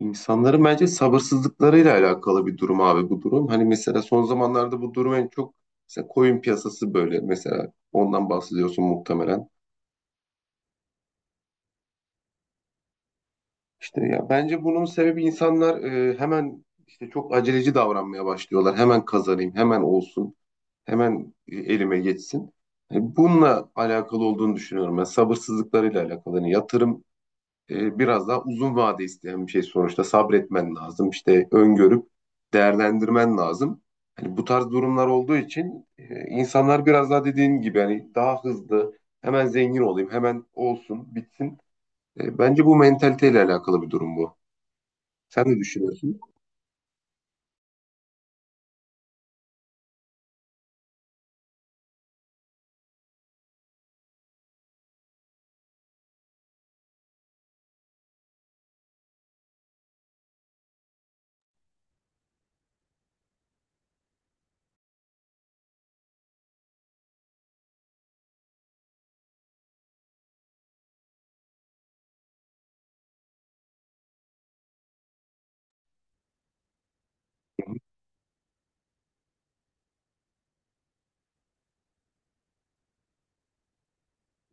İnsanların bence sabırsızlıklarıyla alakalı bir durum abi bu durum. Hani mesela son zamanlarda bu durum en çok mesela koyun piyasası böyle mesela ondan bahsediyorsun muhtemelen. İşte ya bence bunun sebebi insanlar hemen işte çok aceleci davranmaya başlıyorlar. Hemen kazanayım, hemen olsun, hemen elime geçsin. Bununla alakalı olduğunu düşünüyorum ben. Sabırsızlıklarıyla alakalı. Hani yatırım biraz daha uzun vade isteyen bir şey sonuçta. Sabretmen lazım. İşte öngörüp değerlendirmen lazım. Hani bu tarz durumlar olduğu için insanlar biraz daha dediğin gibi hani daha hızlı hemen zengin olayım, hemen olsun, bitsin. Bence bu mentaliteyle alakalı bir durum bu. Sen ne düşünüyorsun?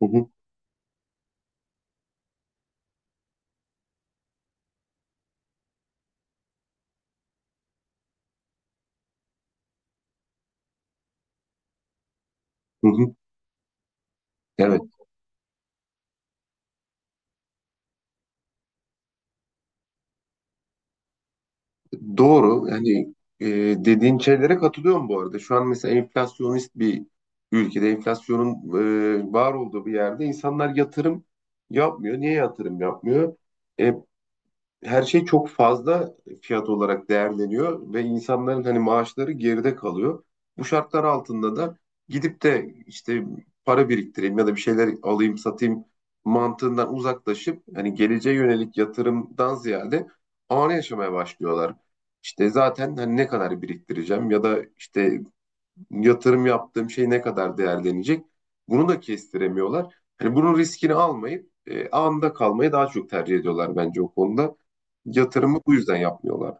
Hı hı, hı hı. Evet. Doğru. Yani e, dediğin şeylere katılıyorum bu arada. Şu an mesela enflasyonist bir ülkede, enflasyonun var olduğu bir yerde insanlar yatırım yapmıyor. Niye yatırım yapmıyor? E, her şey çok fazla fiyat olarak değerleniyor ve insanların hani maaşları geride kalıyor. Bu şartlar altında da gidip de işte para biriktireyim ya da bir şeyler alayım satayım mantığından uzaklaşıp hani geleceğe yönelik yatırımdan ziyade anı yaşamaya başlıyorlar. İşte zaten hani ne kadar biriktireceğim ya da işte yatırım yaptığım şey ne kadar değerlenecek? Bunu da kestiremiyorlar. Hani bunun riskini almayıp anda kalmayı daha çok tercih ediyorlar bence o konuda. Yatırımı bu yüzden yapmıyorlar.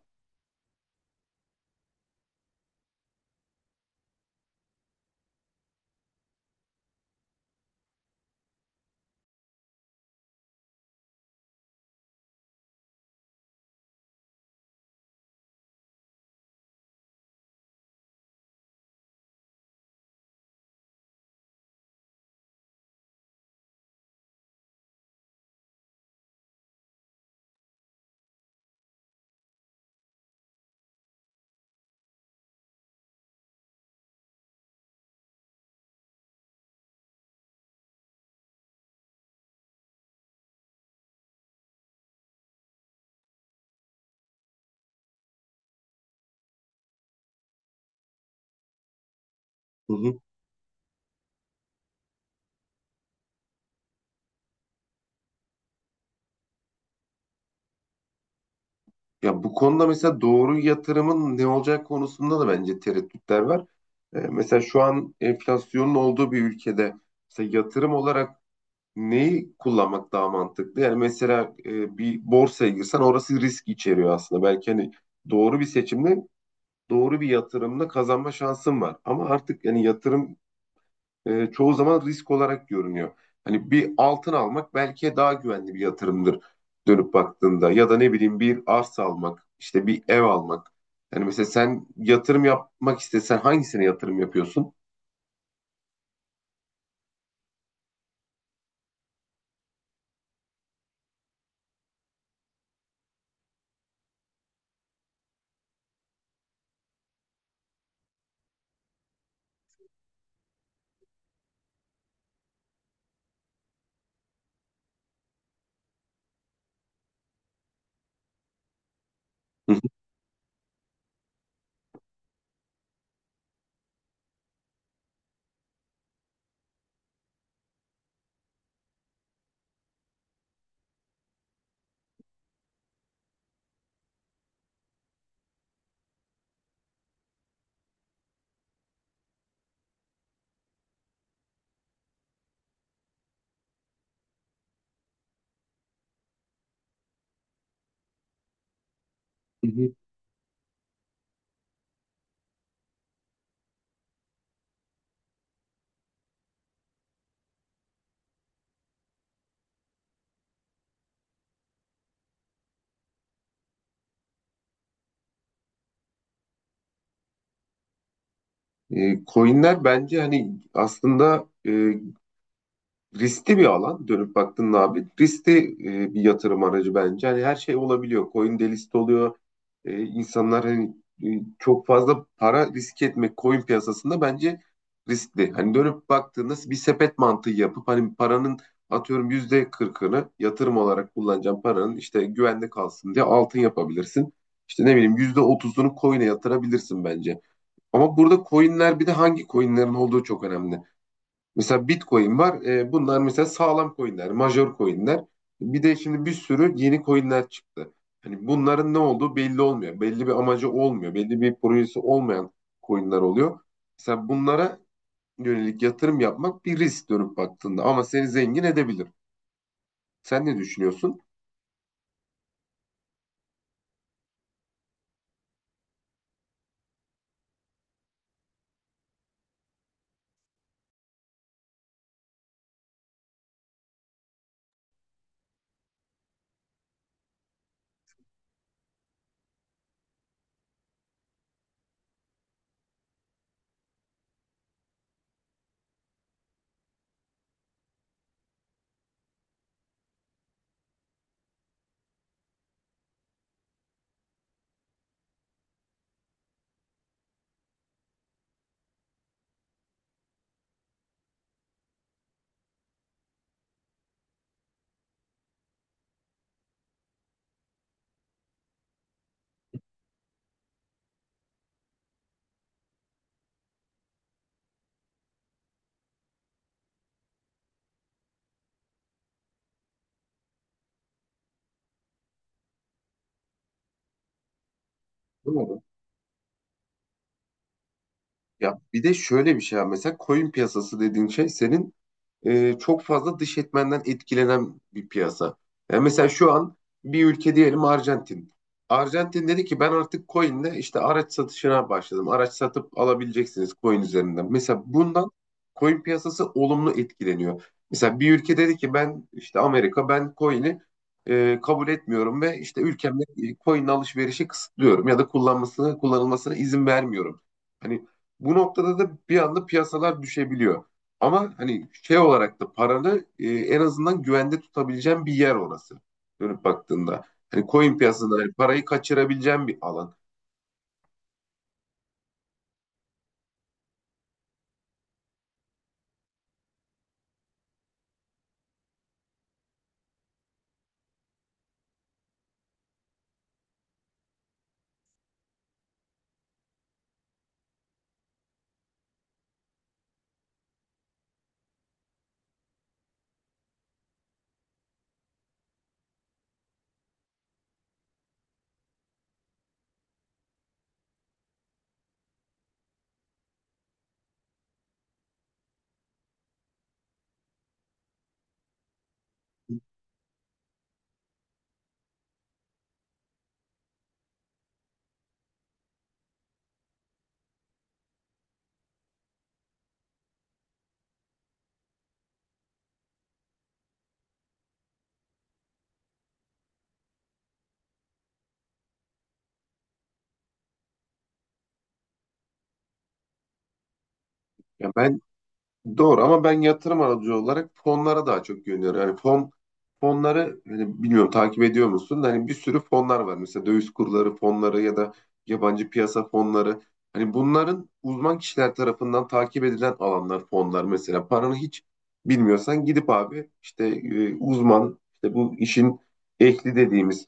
Hı hı. Ya bu konuda mesela doğru yatırımın ne olacak konusunda da bence tereddütler var. Mesela şu an enflasyonun olduğu bir ülkede mesela yatırım olarak neyi kullanmak daha mantıklı? Yani mesela bir borsaya girsen orası risk içeriyor aslında. Belki hani doğru bir seçimle doğru bir yatırımla kazanma şansın var. Ama artık yani yatırım çoğu zaman risk olarak görünüyor. Hani bir altın almak belki daha güvenli bir yatırımdır dönüp baktığında ya da ne bileyim bir arsa almak, işte bir ev almak. Yani mesela sen yatırım yapmak istesen hangisine yatırım yapıyorsun? Hı hı. Hı hı. Coinler bence hani aslında riskli bir alan dönüp baktın abi. Riskli bir yatırım aracı bence. Hani her şey olabiliyor. Coin de list oluyor. E, insanlar hani e, çok fazla para riske etmek coin piyasasında bence riskli. Hani dönüp baktığında bir sepet mantığı yapıp hani paranın atıyorum %40'ını yatırım olarak kullanacağım paranın işte güvende kalsın diye altın yapabilirsin. İşte ne bileyim %30'unu coin'e yatırabilirsin bence. Ama burada coin'ler bir de hangi coin'lerin olduğu çok önemli. Mesela Bitcoin var. Bunlar mesela sağlam coinler, major coinler. Bir de şimdi bir sürü yeni coinler çıktı. Hani bunların ne olduğu belli olmuyor. Belli bir amacı olmuyor. Belli bir projesi olmayan coinler oluyor. Mesela bunlara yönelik yatırım yapmak bir risk dönüp baktığında ama seni zengin edebilir. Sen ne düşünüyorsun? Doğru. Ya bir de şöyle bir şey var. Mesela coin piyasası dediğin şey senin çok fazla dış etmenden etkilenen bir piyasa. Yani mesela şu an bir ülke diyelim Arjantin. Arjantin dedi ki ben artık coin'le işte araç satışına başladım. Araç satıp alabileceksiniz coin üzerinden. Mesela bundan coin piyasası olumlu etkileniyor. Mesela bir ülke dedi ki ben işte Amerika ben coin'i kabul etmiyorum ve işte ülkemde coin alışverişi kısıtlıyorum ya da kullanılmasına izin vermiyorum. Hani bu noktada da bir anda piyasalar düşebiliyor. Ama hani şey olarak da paranı en azından güvende tutabileceğin bir yer orası. Dönüp baktığında. Hani coin piyasasında hani parayı kaçırabileceğin bir alan. Ya doğru ama ben yatırım aracı olarak fonlara daha çok yöneliyorum. Yani fon fonları hani bilmiyorum takip ediyor musun? Da hani bir sürü fonlar var. Mesela döviz kurları fonları ya da yabancı piyasa fonları. Hani bunların uzman kişiler tarafından takip edilen alanlar fonlar. Mesela paranı hiç bilmiyorsan gidip abi işte uzman işte bu işin ehli dediğimiz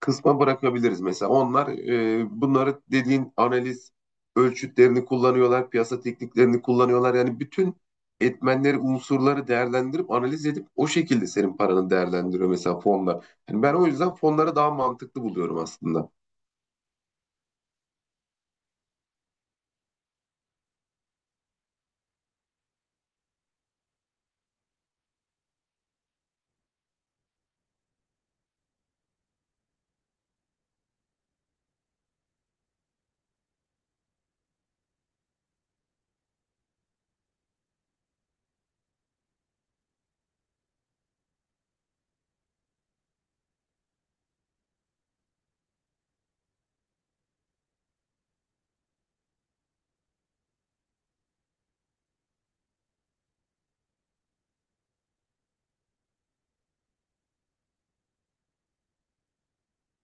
kısma bırakabiliriz mesela. Onlar bunları dediğin analiz ölçütlerini kullanıyorlar, piyasa tekniklerini kullanıyorlar. Yani bütün etmenleri, unsurları değerlendirip analiz edip o şekilde senin paranı değerlendiriyor mesela fonlar. Yani ben o yüzden fonları daha mantıklı buluyorum aslında.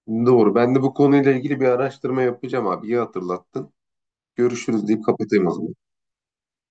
Doğru. Ben de bu konuyla ilgili bir araştırma yapacağım abi. İyi hatırlattın. Görüşürüz deyip kapatayım o zaman.